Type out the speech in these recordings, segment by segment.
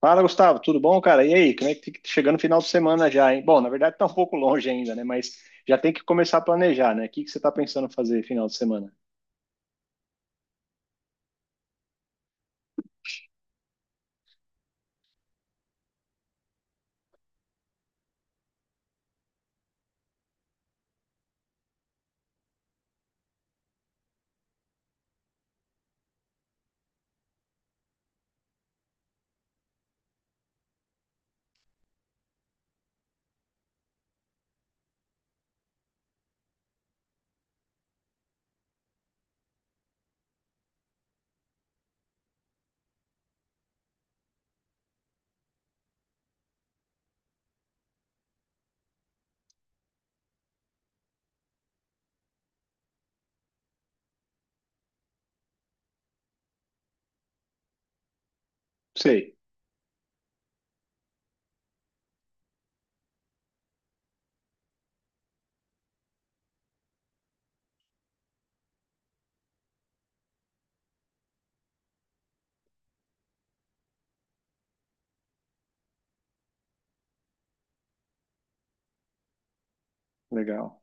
Fala, Gustavo, tudo bom, cara? E aí, como é que tá chegando no final de semana já, hein? Bom, na verdade tá um pouco longe ainda, né? Mas já tem que começar a planejar, né? O que que você tá pensando fazer final de semana? Sei. Legal.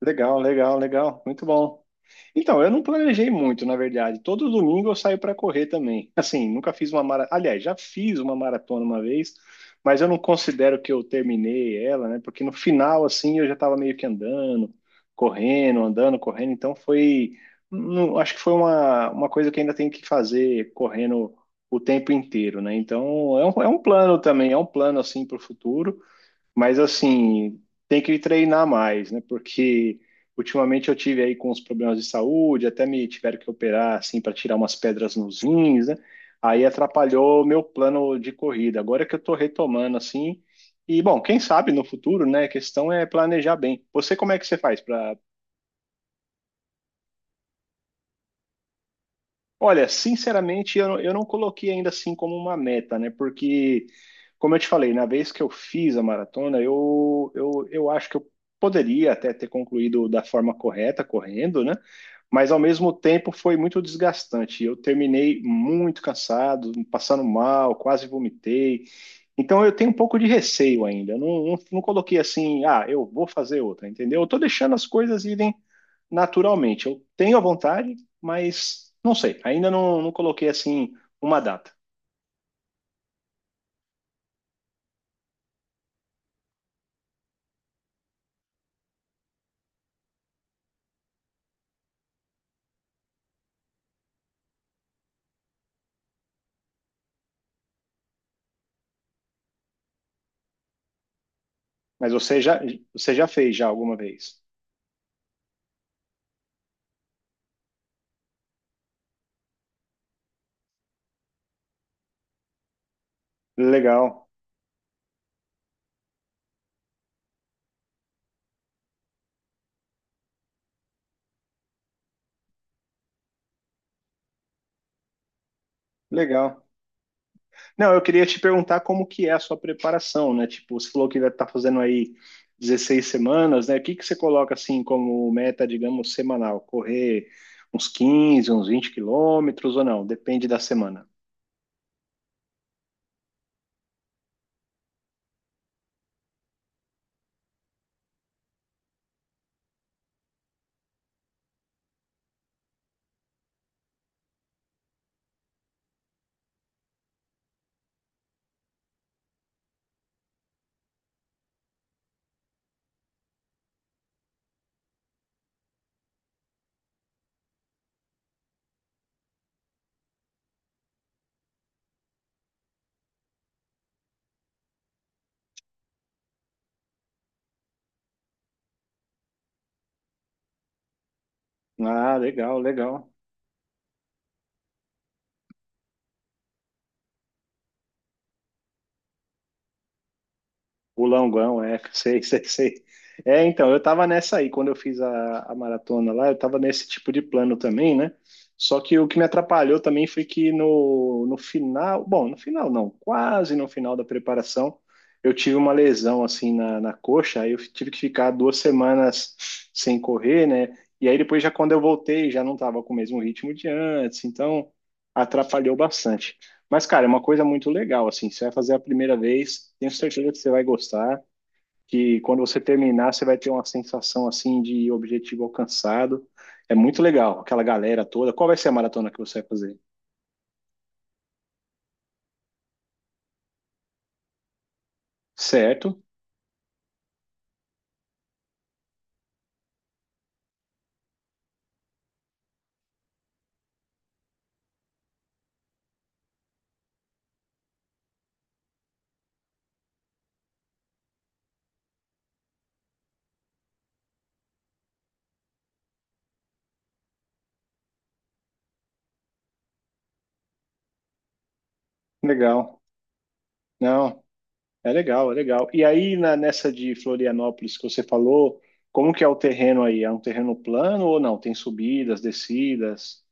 Legal, legal, legal. Muito bom. Então, eu não planejei muito, na verdade. Todo domingo eu saio para correr também. Assim, nunca fiz uma maratona. Aliás, já fiz uma maratona uma vez, mas eu não considero que eu terminei ela, né? Porque no final, assim, eu já estava meio que andando, correndo, andando, correndo. Então, foi. Acho que foi uma coisa que ainda tem que fazer correndo o tempo inteiro, né? Então, é um plano também, é um plano, assim, para o futuro. Mas assim, tem que treinar mais, né? Porque ultimamente eu tive aí com os problemas de saúde, até me tiveram que operar assim para tirar umas pedras nos rins, né? Aí atrapalhou o meu plano de corrida. Agora que eu tô retomando assim, e bom, quem sabe no futuro, né? A questão é planejar bem. Você como é que você faz para... Olha, sinceramente, eu não coloquei ainda assim como uma meta, né? Porque, como eu te falei, na vez que eu fiz a maratona, eu acho que eu poderia até ter concluído da forma correta, correndo, né? Mas, ao mesmo tempo, foi muito desgastante. Eu terminei muito cansado, passando mal, quase vomitei. Então, eu tenho um pouco de receio ainda. Eu não, não, não coloquei assim, ah, eu vou fazer outra, entendeu? Eu tô deixando as coisas irem naturalmente. Eu tenho a vontade, mas não sei. Ainda não, não coloquei assim uma data. Mas você já fez já alguma vez? Legal, legal. Não, eu queria te perguntar como que é a sua preparação, né? Tipo, você falou que vai estar fazendo aí 16 semanas, né? O que que você coloca assim como meta, digamos, semanal? Correr uns 15, uns 20 quilômetros ou não? Depende da semana. Ah, legal, legal. O Longão, é, sei, sei, sei. É, então, eu tava nessa aí, quando eu fiz a maratona lá, eu tava nesse tipo de plano também, né? Só que o que me atrapalhou também foi que no final, bom, no final não, quase no final da preparação, eu tive uma lesão assim na coxa, aí eu tive que ficar 2 semanas sem correr, né? E aí depois já quando eu voltei, já não tava com o mesmo ritmo de antes, então atrapalhou bastante. Mas, cara, é uma coisa muito legal, assim, você vai fazer a primeira vez, tenho certeza que você vai gostar, que quando você terminar, você vai ter uma sensação, assim, de objetivo alcançado. É muito legal, aquela galera toda. Qual vai ser a maratona que você vai fazer? Certo? Legal. Não, é legal, é legal. E aí, nessa de Florianópolis que você falou, como que é o terreno aí? É um terreno plano ou não? Tem subidas, descidas?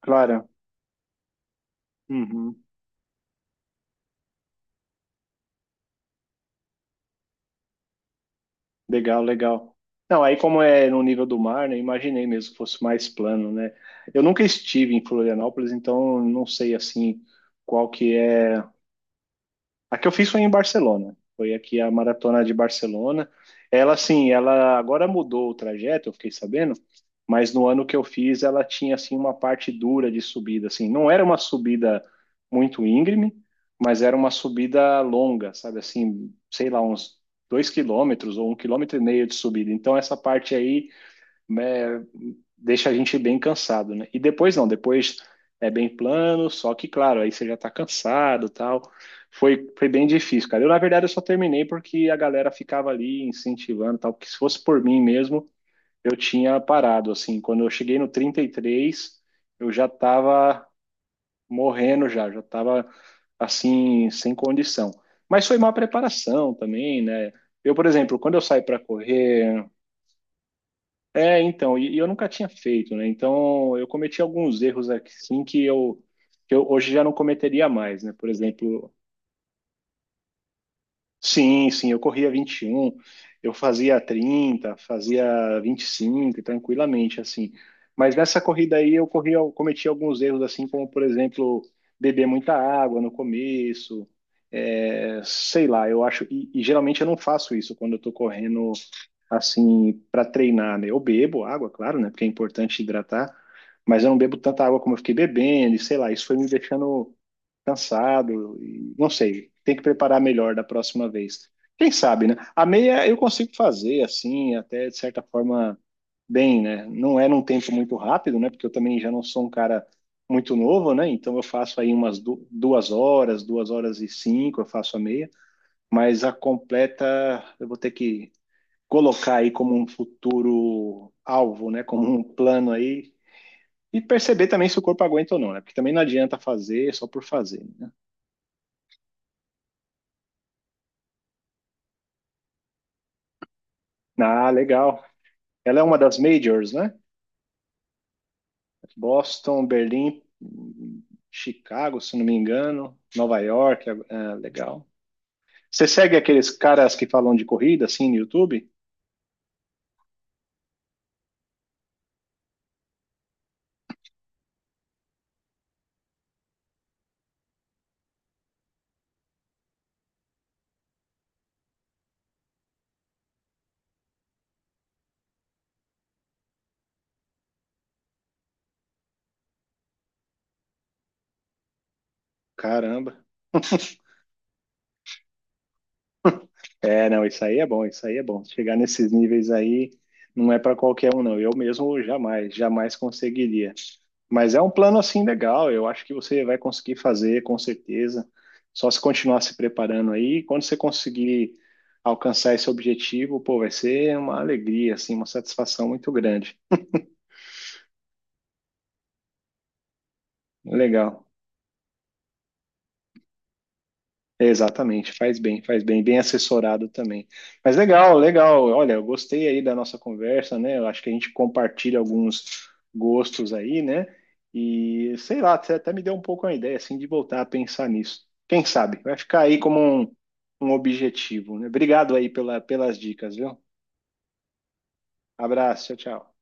Claro. Uhum. Legal, legal. Não, aí como é no nível do mar, né, imaginei mesmo que fosse mais plano, né? Eu nunca estive em Florianópolis, então não sei assim qual que é a que eu fiz foi em Barcelona. Foi aqui a maratona de Barcelona. Ela, assim, ela agora mudou o trajeto, eu fiquei sabendo, mas no ano que eu fiz, ela tinha, assim, uma parte dura de subida, assim. Não era uma subida muito íngreme, mas era uma subida longa, sabe, assim, sei lá, uns 2 quilômetros ou 1,5 quilômetros de subida. Então, essa parte aí, né, deixa a gente bem cansado, né? E depois não, depois é bem plano, só que claro, aí você já tá cansado, tal. Foi, foi bem difícil, cara. Eu na verdade eu só terminei porque a galera ficava ali incentivando, tal, porque se fosse por mim mesmo, eu tinha parado assim. Quando eu cheguei no 33 eu já tava morrendo já, já tava assim sem condição. Mas foi má preparação também, né? Eu, por exemplo, quando eu saio para correr é, então, e eu nunca tinha feito, né? Então, eu cometi alguns erros aqui, sim, que eu hoje já não cometeria mais, né? Por exemplo, sim, sim, eu corria 21, eu fazia 30, fazia 25 tranquilamente, assim. Mas nessa corrida aí eu corri, eu cometi alguns erros, assim, como, por exemplo, beber muita água no começo, é, sei lá, eu acho, e geralmente eu não faço isso quando eu tô correndo assim, para treinar, né? Eu bebo água, claro, né? Porque é importante hidratar, mas eu não bebo tanta água como eu fiquei bebendo, e sei lá, isso foi me deixando cansado, e não sei, tem que preparar melhor da próxima vez. Quem sabe, né? A meia eu consigo fazer, assim, até de certa forma, bem, né? Não é num tempo muito rápido, né? Porque eu também já não sou um cara muito novo, né? Então eu faço aí umas duas horas, 2 horas e cinco, eu faço a meia, mas a completa eu vou ter que colocar aí como um futuro alvo, né? Como um plano aí. E perceber também se o corpo aguenta ou não, né? Porque também não adianta fazer só por fazer, né? Ah, legal. Ela é uma das majors, né? Boston, Berlim, Chicago, se não me engano, Nova York, é, legal. Você segue aqueles caras que falam de corrida, assim, no YouTube? Caramba. É, não, isso aí é bom, isso aí é bom. Chegar nesses níveis aí não é para qualquer um, não. Eu mesmo jamais, jamais conseguiria. Mas é um plano assim legal, eu acho que você vai conseguir fazer, com certeza. Só se continuar se preparando aí, quando você conseguir alcançar esse objetivo, pô, vai ser uma alegria, assim, uma satisfação muito grande. Legal. Exatamente, faz bem, bem assessorado também. Mas legal, legal. Olha, eu gostei aí da nossa conversa, né? Eu acho que a gente compartilha alguns gostos aí, né? E sei lá, você até me deu um pouco uma ideia assim de voltar a pensar nisso. Quem sabe? Vai ficar aí como um objetivo, né? Obrigado aí pela, pelas dicas, viu? Abraço, tchau, tchau.